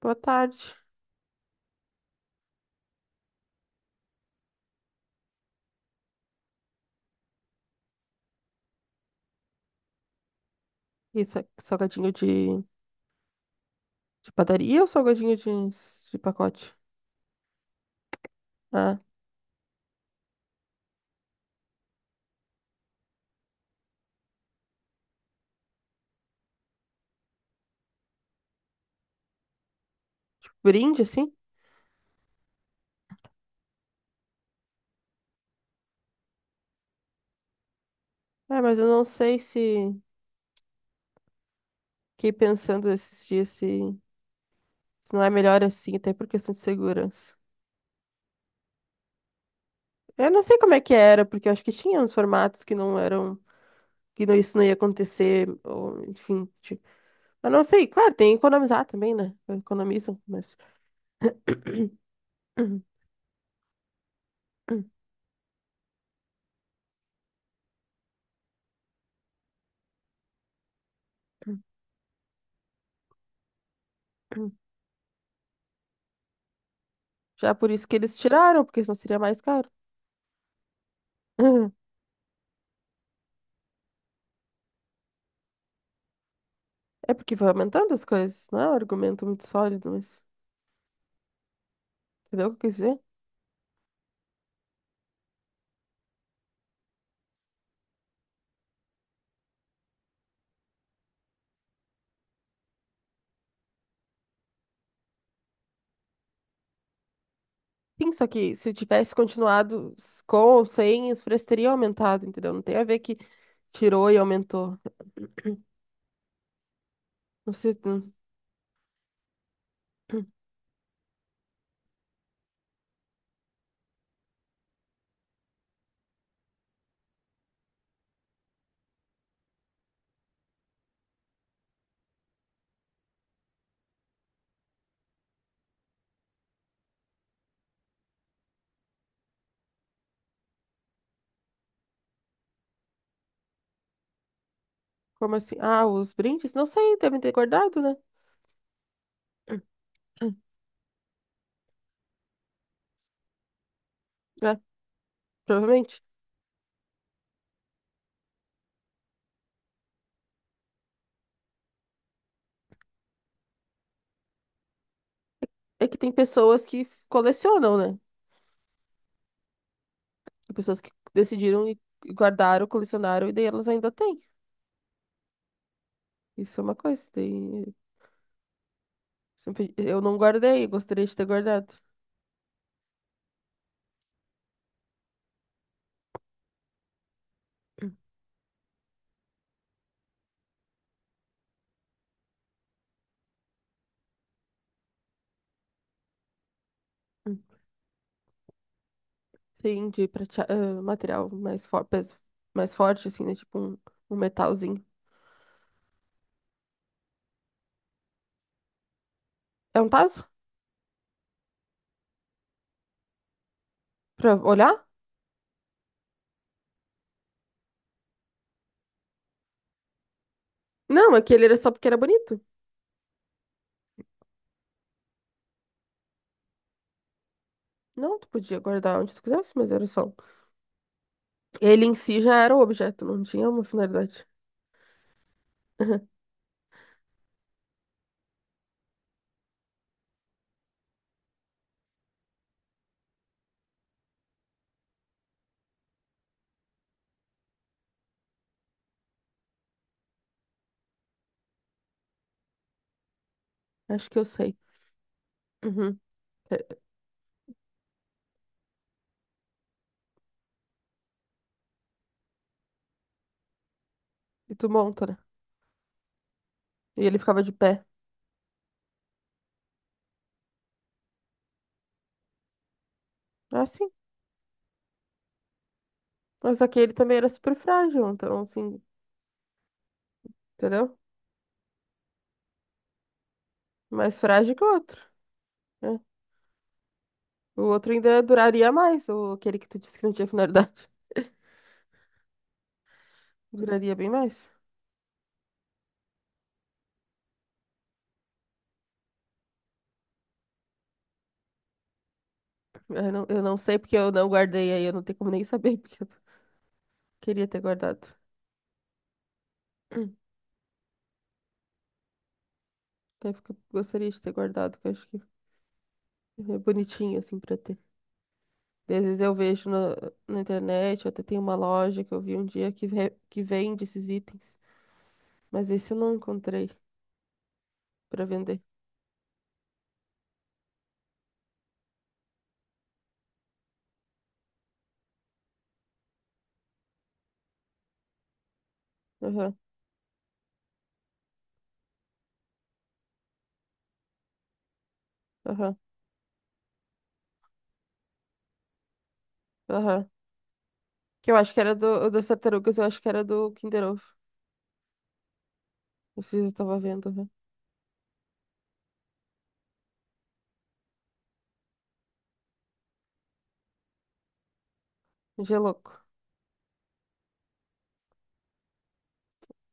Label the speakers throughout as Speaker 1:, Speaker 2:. Speaker 1: Boa tarde. Isso, é salgadinho de padaria ou salgadinho de pacote? Ah, brinde, assim? É, mas eu não sei se... Fiquei pensando esses dias se, se não é melhor assim, até por questão de segurança. Eu não sei como é que era, porque eu acho que tinha uns formatos que não eram... Que não, isso não ia acontecer, ou, enfim. Tipo, eu não sei. Claro, tem que economizar também, né? Economizam, mas... Já por isso que eles tiraram, porque senão seria mais caro. É porque vai aumentando as coisas, não é um argumento muito sólido, mas entendeu o que eu quis dizer? Sim, só que se tivesse continuado s- com ou sem, os preços teriam aumentado, entendeu? Não tem a ver que tirou e aumentou. Não sei, não- Como assim? Ah, os brindes? Não sei, devem ter guardado, né? É, provavelmente. É que tem pessoas que f- colecionam, né? Tem pessoas que decidiram e guardaram, colecionaram, e daí elas ainda têm. Isso é uma coisa. Daí... sempre- Eu não guardei, eu gostaria de ter guardado. Sim, de pratea- ah, material mais, for... pes- mais forte, assim, né? Tipo um, um metalzinho. É um tazo? Pra olhar? Não, aquele era só porque era bonito. Não, tu podia guardar onde tu quisesse, mas era só. Ele em si já era o objeto, não tinha uma finalidade. Acho que eu sei. Uhum. É, e tu monta, né? E ele ficava de pé. Ah, sim. Mas aquele também era super frágil, então, assim, entendeu? Mais frágil que o outro, né? O outro ainda duraria mais, ou aquele que tu disse que não tinha finalidade. Duraria bem mais. Eu não sei porque eu não guardei aí, eu não tenho como nem saber porque eu queria ter guardado. Até porque gostaria de ter guardado, que eu acho que é bonitinho assim pra ter. Às vezes eu vejo na internet, até tem uma loja que eu vi um dia que, ve- que vende esses itens, mas esse eu não encontrei pra vender. Aham, aham, aham. Que eu acho que era do, o das tartarugas, eu acho que era do Kinder Ovo. Não sei se eu tava vendo, aham. Gelouco.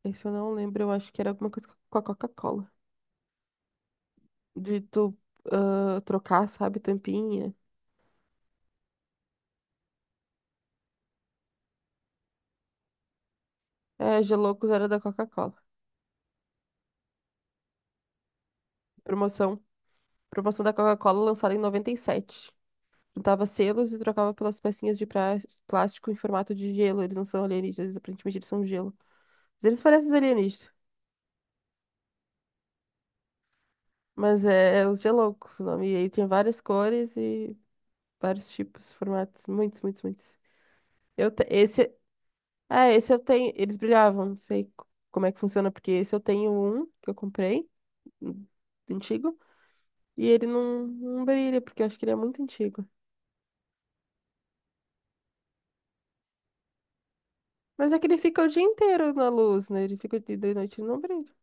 Speaker 1: Esse eu não lembro, eu acho que era alguma coisa com a Coca-Cola. De tu trocar, sabe, tampinha. É, Geloucos era da Coca-Cola. Promoção. Promoção da Coca-Cola lançada em 97. Juntava selos e trocava pelas pecinhas de pra- plástico em formato de gelo. Eles não são alienígenas, aparentemente eles são gelo. Mas eles parecem os alienígenas, mas é, é os Geloucos o nome. E aí tinha várias cores e vários tipos, formatos. Muitos, muitos, muitos. Eu te- Esse... Ah, esse eu tenho. Eles brilhavam, não sei co- como é que funciona, porque esse eu tenho um que eu comprei, um antigo. E ele não brilha, porque eu acho que ele é muito antigo. Mas é que ele fica o dia inteiro na luz, né? Ele fica de noite e não brilha.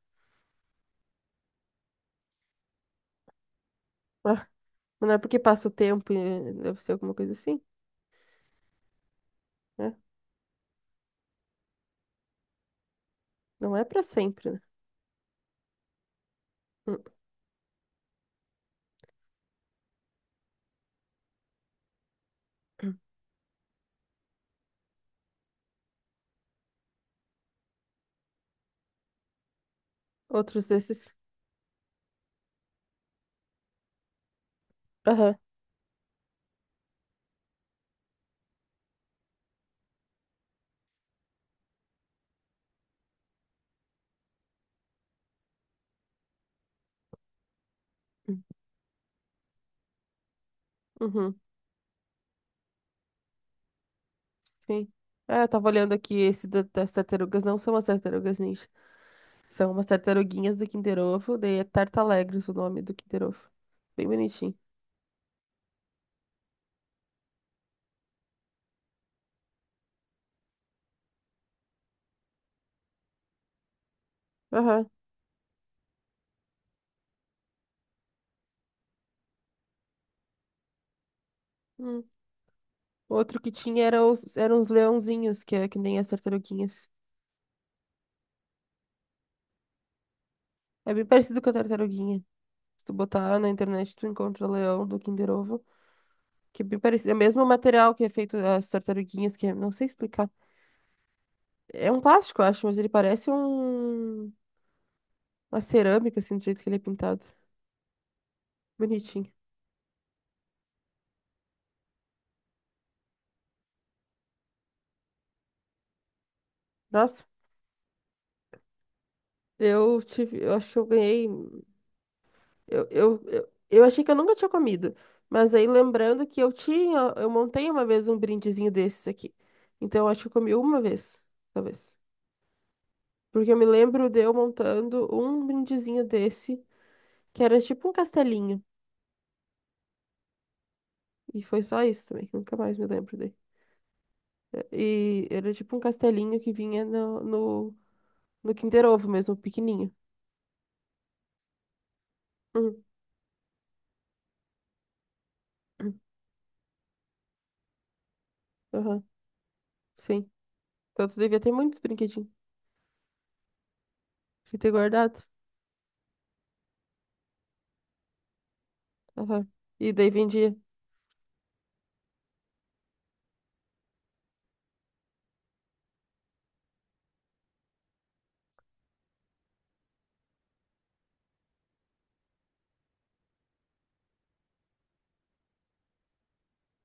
Speaker 1: Ah, mas não é porque passa o tempo e deve ser alguma coisa assim, né? Não é pra sempre, né? Hum, outros desses. Aham. Uhum, sim. É, eu tava olhando aqui esse da- das tartarugas, não são as tartarugas ninja. São umas tartaruguinhas do Kinder Ovo, daí é Tartalegres o nome do Kinder Ovo. Bem bonitinho. Aham. Hum. Outro que tinha era os, eram os leãozinhos, que é que nem as tartaruguinhas. É bem parecido com a tartaruguinha. Se tu botar na internet, tu encontra o leão do Kinder Ovo, que é bem parecido. É o mesmo material que é feito as tartaruguinhas, que é, não sei explicar. É um plástico, eu acho, mas ele parece um, uma cerâmica, assim, do jeito que ele é pintado. Bonitinho. Nossa, eu tive, eu acho que eu ganhei. Eu achei que eu nunca tinha comido. Mas aí lembrando que eu tinha, eu montei uma vez um brindezinho desses aqui. Então eu acho que eu comi uma vez, talvez. Porque eu me lembro de eu montando um brindezinho desse, que era tipo um castelinho. E foi só isso também, que eu nunca mais me lembro dele. É, e era tipo um castelinho que vinha no Kinder Ovo mesmo, pequenininho. Uhum. Uhum. Aham, sim. Então tu devia ter muitos brinquedinhos. Devia ter guardado. Aham. E daí vendia.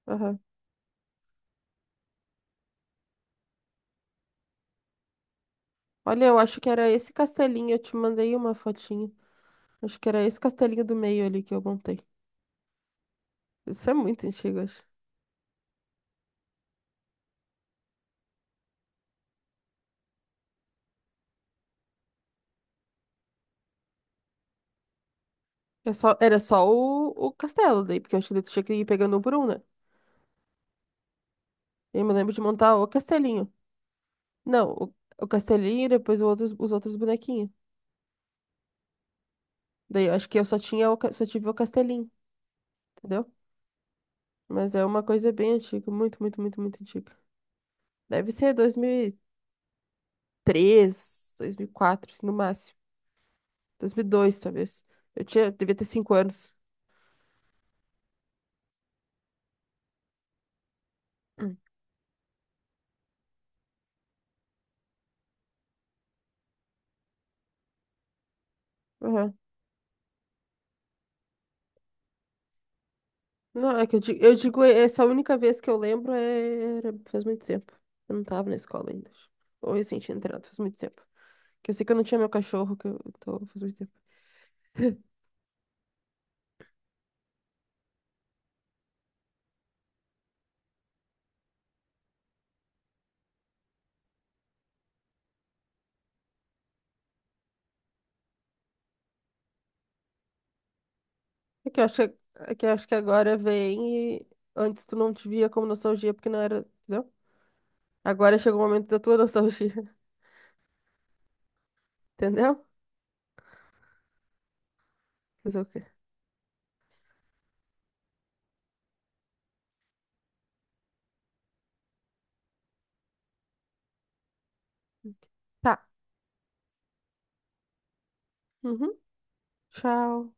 Speaker 1: Aham. Olha, eu acho que era esse castelinho, eu te mandei uma fotinha. Acho que era esse castelinho do meio ali que eu montei. Isso é muito antigo, acho. É só- era só o castelo daí, porque eu acho que daí tu tinha que ir pegando um por um, né? Eu me lembro de montar o castelinho. Não, o castelinho e depois o outros, os outros bonequinhos. Daí eu acho que eu só tinha o, ca- só tive o castelinho, entendeu? Mas é uma coisa bem antiga, muito, muito, muito, muito antiga. Deve ser 2003, 2004, assim, no máximo. 2002 talvez. Eu tinha, devia ter 5 anos. Hum. Não, é que eu digo, essa única vez que eu lembro é... era- faz muito tempo. Eu não tava na escola ainda. Ou recente tinha entrado, faz muito tempo. Que eu sei que eu não tinha meu cachorro, que eu tô faz muito tempo. É que eu acho que, é que eu acho que agora vem e antes tu não te via como nostalgia, porque não era, entendeu? Agora chegou o momento da tua nostalgia, entendeu? Fazer o quê? Tá. Uhum. Tchau.